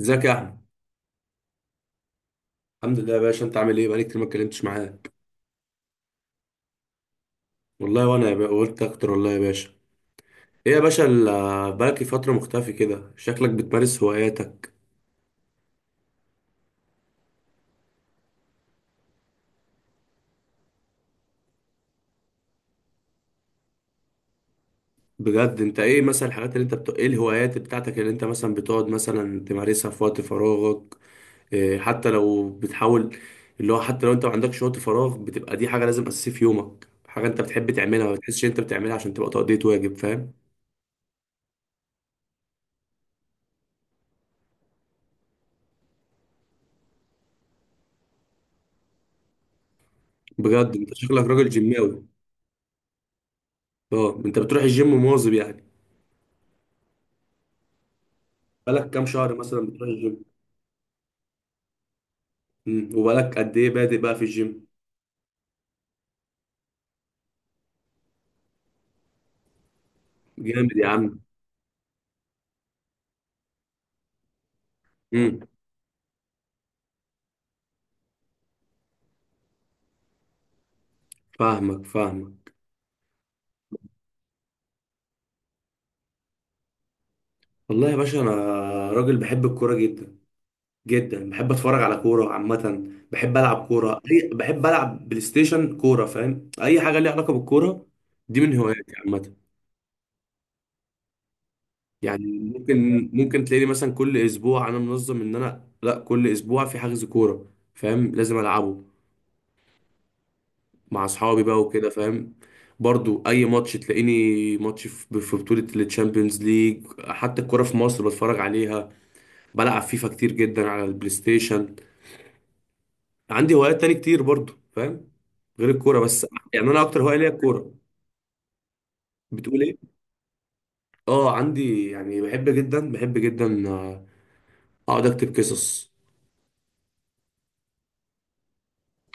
ازيك يا احمد؟ الحمد لله يا باشا، انت عامل ايه؟ بقالي كتير ما اتكلمتش معاك. والله وانا يا باشا قلت اكتر والله يا باشا. ايه يا باشا، بقالك فتره مختفي كده، شكلك بتمارس هواياتك؟ بجد، انت ايه مثلا الحاجات اللي انت ايه الهوايات بتاعتك اللي انت مثلا بتقعد مثلا تمارسها في وقت فراغك؟ إيه، حتى لو بتحاول، اللي هو حتى لو انت ما عندكش وقت فراغ، بتبقى دي حاجه لازم اساسيه في يومك، حاجه انت بتحب تعملها ما بتحسش انت بتعملها عشان تبقى تقضية واجب، فاهم؟ بجد، انت شكلك راجل جيماوي. اه، انت بتروح الجيم مواظب يعني؟ بقالك كام شهر مثلا بتروح الجيم؟ وبقالك قد ايه بادئ بقى في الجيم؟ جامد يا عم. امم فاهمك فاهمك. والله يا باشا، انا راجل بحب الكوره جدا جدا. بحب اتفرج على كوره عامه، بحب العب كوره بحب العب بلاي ستيشن كوره، فاهم؟ اي حاجه ليها علاقه بالكوره، دي من هواياتي عامه. يعني ممكن تلاقيني مثلا كل اسبوع، انا منظم ان انا لا، كل اسبوع في حجز كوره، فاهم؟ لازم العبه مع اصحابي بقى وكده، فاهم؟ برضو اي ماتش تلاقيني، ماتش في بطولة التشامبيونز ليج، حتى الكرة في مصر بتفرج عليها. بلعب فيفا كتير جدا على البلاي ستيشن. عندي هوايات تاني كتير برضو، فاهم؟ غير الكورة بس. يعني انا اكتر هواية ليا الكورة. بتقول ايه؟ اه عندي، يعني بحب جدا، بحب جدا، اقعد اكتب قصص.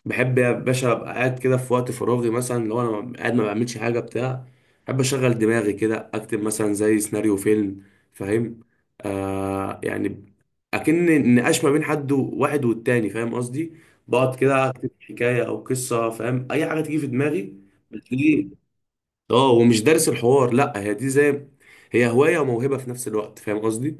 بحب يا باشا ابقى قاعد كده في وقت فراغي، مثلا لو انا قاعد ما بعملش حاجه بتاع، بحب اشغل دماغي كده، اكتب مثلا زي سيناريو فيلم، فاهم؟ يعني اكن نقاش ما بين حد واحد والتاني، فاهم قصدي؟ بقعد كده اكتب حكايه او قصه، فاهم؟ اي حاجه تيجي في دماغي بتلاقيه. اه، ومش دارس الحوار لا، هي دي زي، هي هوايه وموهبه في نفس الوقت، فاهم قصدي؟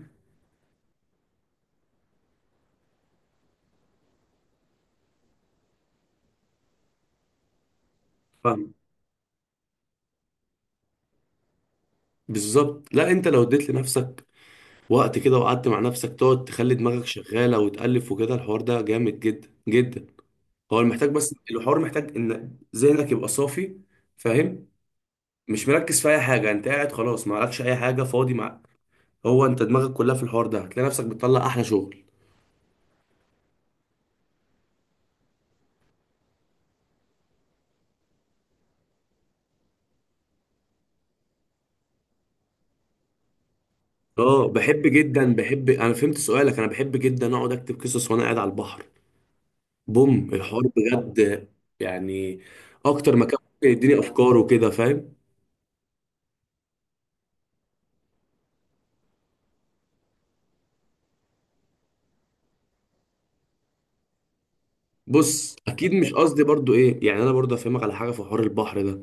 فاهم. بالظبط، لا، انت لو اديت لنفسك وقت كده وقعدت مع نفسك، تقعد تخلي دماغك شغالة وتألف وكده، الحوار ده جامد جدا جدا. هو المحتاج، بس الحوار محتاج ان ذهنك يبقى صافي، فاهم؟ مش مركز في اي حاجة، انت قاعد خلاص ما عليكش اي حاجة، فاضي معاك، هو انت دماغك كلها في الحوار ده، هتلاقي نفسك بتطلع احلى شغل. اه بحب جدا، بحب، انا فهمت سؤالك، انا بحب جدا اقعد اكتب قصص وانا قاعد على البحر. بوم الحوار بجد. يعني اكتر مكان ممكن يديني افكار وكده، فاهم؟ بص، اكيد مش قصدي برضو ايه، يعني انا برضو افهمك على حاجه في حوار البحر ده.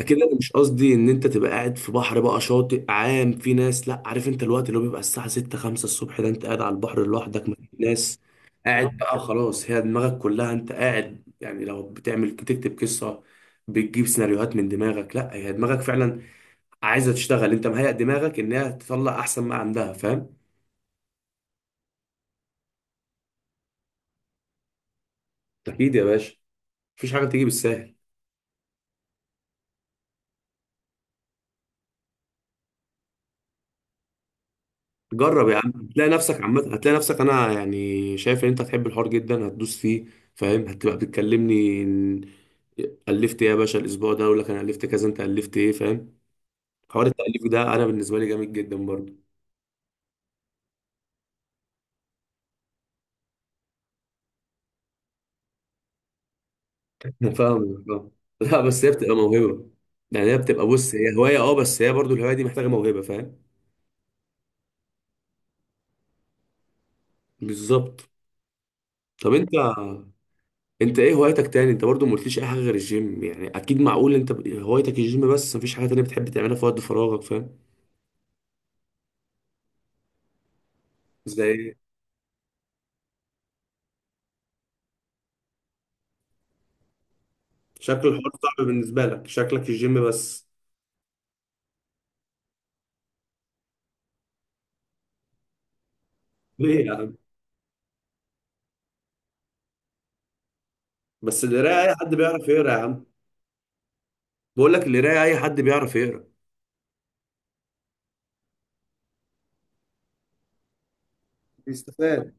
اكيد انا مش قصدي ان انت تبقى قاعد في بحر بقى شاطئ عام في ناس، لا، عارف انت الوقت اللي هو بيبقى الساعه 6 5 الصبح ده، انت قاعد على البحر لوحدك مفيش ناس. قاعد بقى خلاص، هي دماغك كلها، انت قاعد يعني لو بتعمل، بتكتب قصه بتجيب سيناريوهات من دماغك، لا، هي دماغك فعلا عايزه تشتغل، انت مهيئ دماغك انها تطلع احسن ما عندها، فاهم؟ اكيد يا باشا، مفيش حاجه تيجي بالسهل. جرب يا عم، هتلاقي نفسك عامة، هتلاقي نفسك، انا يعني شايف ان انت هتحب الحوار جدا، هتدوس فيه، فاهم؟ هتبقى بتكلمني إن الفت ايه يا باشا الاسبوع ده، اقول لك انا الفت كذا، انت الفت ايه، فاهم؟ حوار التاليف ده انا بالنسبه لي جامد جدا برضه. فاهم. فاهم. لا، بس هي بتبقى موهبه. يعني هي بتبقى، بص، هي هوايه اه، بس هي برضه الهوايه دي محتاجه موهبه، فاهم؟ بالظبط. طب انت ايه هوايتك تاني؟ انت برضه ما قلتليش اي حاجه غير الجيم، يعني اكيد معقول انت هوايتك الجيم بس، مفيش حاجه تانيه بتحب تعملها في وقت فراغك، فاهم؟ زي، شكل الحوار صعب بالنسبة لك، شكلك الجيم بس. ليه يا عم؟ بس القراية أي حد بيعرف يقرا يا عم. بقول لك القراية أي حد بيعرف يقرا. بيستفاد؟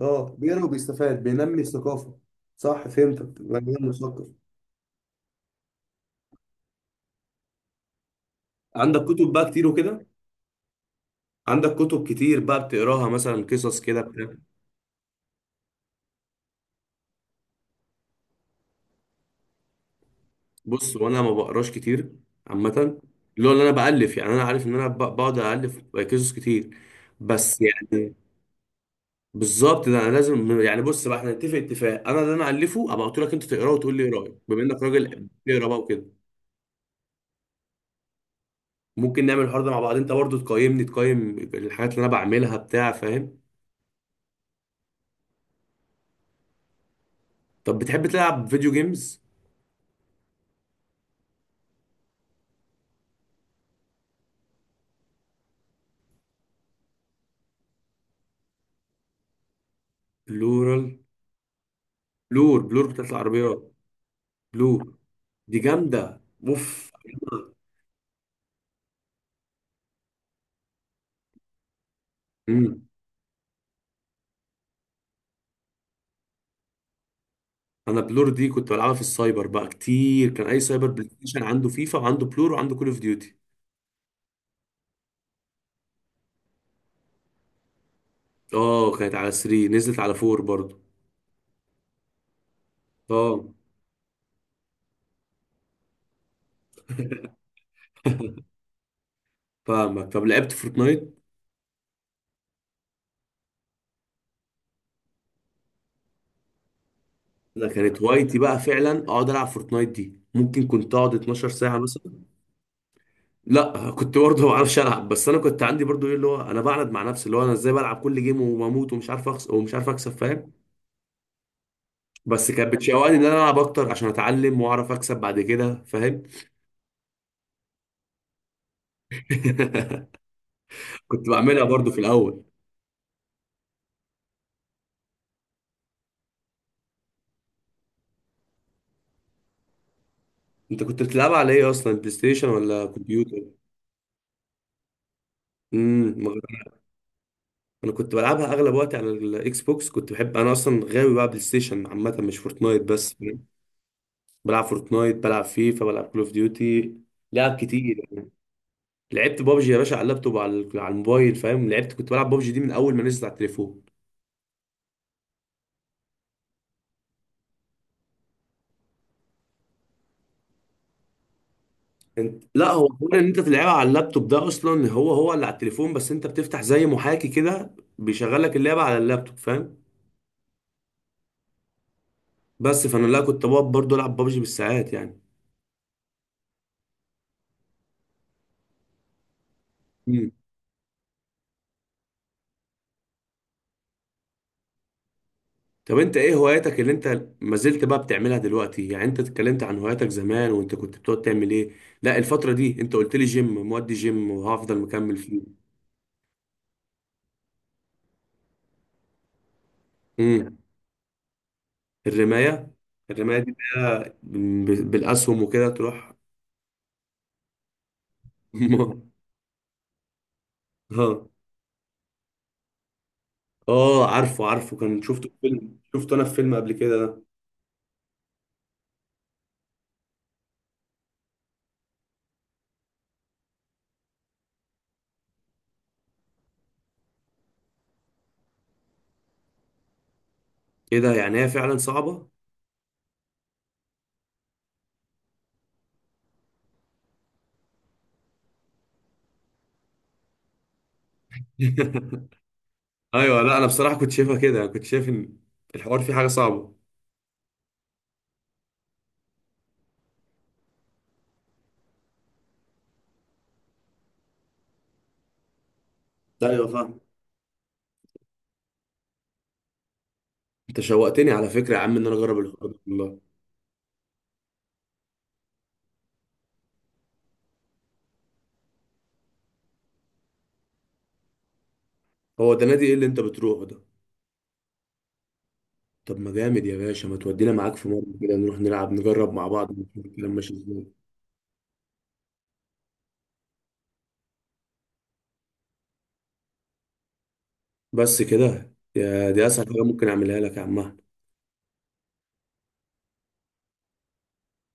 اه بيقرا وبيستفاد، بينمي الثقافة. صح، فهمتك، بني آدم مثقف. عندك كتب بقى كتير وكده؟ عندك كتب كتير بقى بتقراها مثلا، قصص كده بتاع؟ بص وانا ما بقراش كتير عامة، اللي هو اللي انا بألف، يعني انا عارف ان انا بقعد ألف قصص كتير، بس يعني بالظبط، ده انا لازم يعني، بص بقى، احنا نتفق اتفاق، انا اللي انا الفه ابقى قلت لك انت تقراه وتقول لي ايه رايك، بما انك راجل بتقرا بقى وكده. ممكن نعمل الحوار ده مع بعض، انت برضو تقيمني، تقيم الحاجات اللي انا بعملها بتاع، فاهم؟ طب بتحب تلعب فيديو جيمز؟ بلورال، بلور بلور بتاعت العربيات؟ بلور دي جامده، اوف. امم انا بلور دي كنت بلعبها في السايبر بقى كتير، كان اي سايبر بلاي ستيشن عنده فيفا وعنده بلور وعنده كول اوف ديوتي. اه كانت على 3، نزلت على 4 برضو. اه فاهمك. طب لعبت فورتنايت؟ ده كانت هوايتي بقى فعلا، اقعد العب فورتنايت دي، ممكن كنت اقعد 12 ساعه مثلا. لا كنت برضه ما بعرفش العب، بس انا كنت عندي برضه ايه، اللي هو انا بعند مع نفسي، اللي هو انا ازاي بلعب كل جيم وبموت ومش عارف اخسر ومش عارف اكسب، فاهم؟ بس كانت بتشوقني ان انا العب اكتر عشان اتعلم واعرف اكسب بعد كده، فاهم؟ كنت بعملها برضه في الاول. انت كنت بتلعبها على ايه اصلا، بلاي ستيشن ولا كمبيوتر؟ امم مغ- انا كنت بلعبها اغلب وقتي على الاكس بوكس، كنت بحب، انا اصلا غاوي بقى بلاي ستيشن عامه، مش فورتنايت بس. بلعب فورتنايت، بلعب فيفا، بلعب كول اوف ديوتي، لعب كتير. لعبت بابجي يا باشا، على اللابتوب، على الموبايل، فاهم؟ لعبت، كنت بلعب بابجي دي من اول ما نزلت على التليفون. انت لا، هو حوار ان انت تلعبها على اللابتوب ده اصلا، هو هو اللي على التليفون بس انت بتفتح زي محاكي كده بيشغل لك اللعبه على اللابتوب، فاهم؟ بس فانا لا، كنت بقعد برضه العب بابجي بالساعات يعني. مم. طب انت ايه هواياتك اللي انت ما زلت بقى بتعملها دلوقتي؟ يعني انت اتكلمت عن هواياتك زمان وانت كنت بتقعد تعمل ايه، لا الفتره دي انت قلت لي جيم، مودي جيم وهفضل مكمل فيه. امم الرماية. الرماية دي بقى، بالأسهم وكده تروح؟ اه. اه عارفه عارفه، كان شفته في فيلم، شفته انا في فيلم قبل كده ده. ايه ده، يعني هي فعلا صعبة؟ ايوه، لا انا بصراحة كنت شايفها كده، كنت شايف ان الحوار فيه حاجة صعبة. ايوه فاهم. انت شوقتني على فكرة يا عم ان انا اجرب الحوار ده والله. هو ده نادي ايه اللي انت بتروحه ده؟ طب ما جامد يا باشا، ما تودينا معاك في مرة كده، نروح نلعب نجرب مع بعض، نشوف الكلام ماشي ازاي. بس كده يا، دي اسهل حاجة ممكن اعملها لك يا عم أحمد.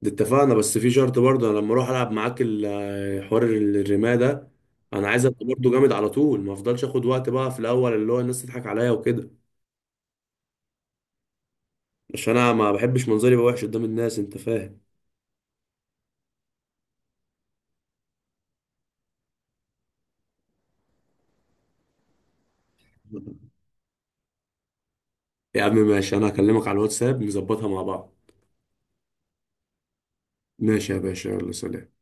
ده اتفقنا، بس في شرط برضه، انا لما اروح العب معاك حوار الرماية ده، انا عايز ابقى برضه جامد على طول، ما افضلش اخد وقت بقى في الاول، اللي هو الناس تضحك عليا وكده. عشان انا ما بحبش منظري يبقى وحش قدام الناس، انت فاهم؟ يا عم ماشي، انا هكلمك على الواتساب نظبطها مع بعض. ماشي يا باشا، يلا سلام.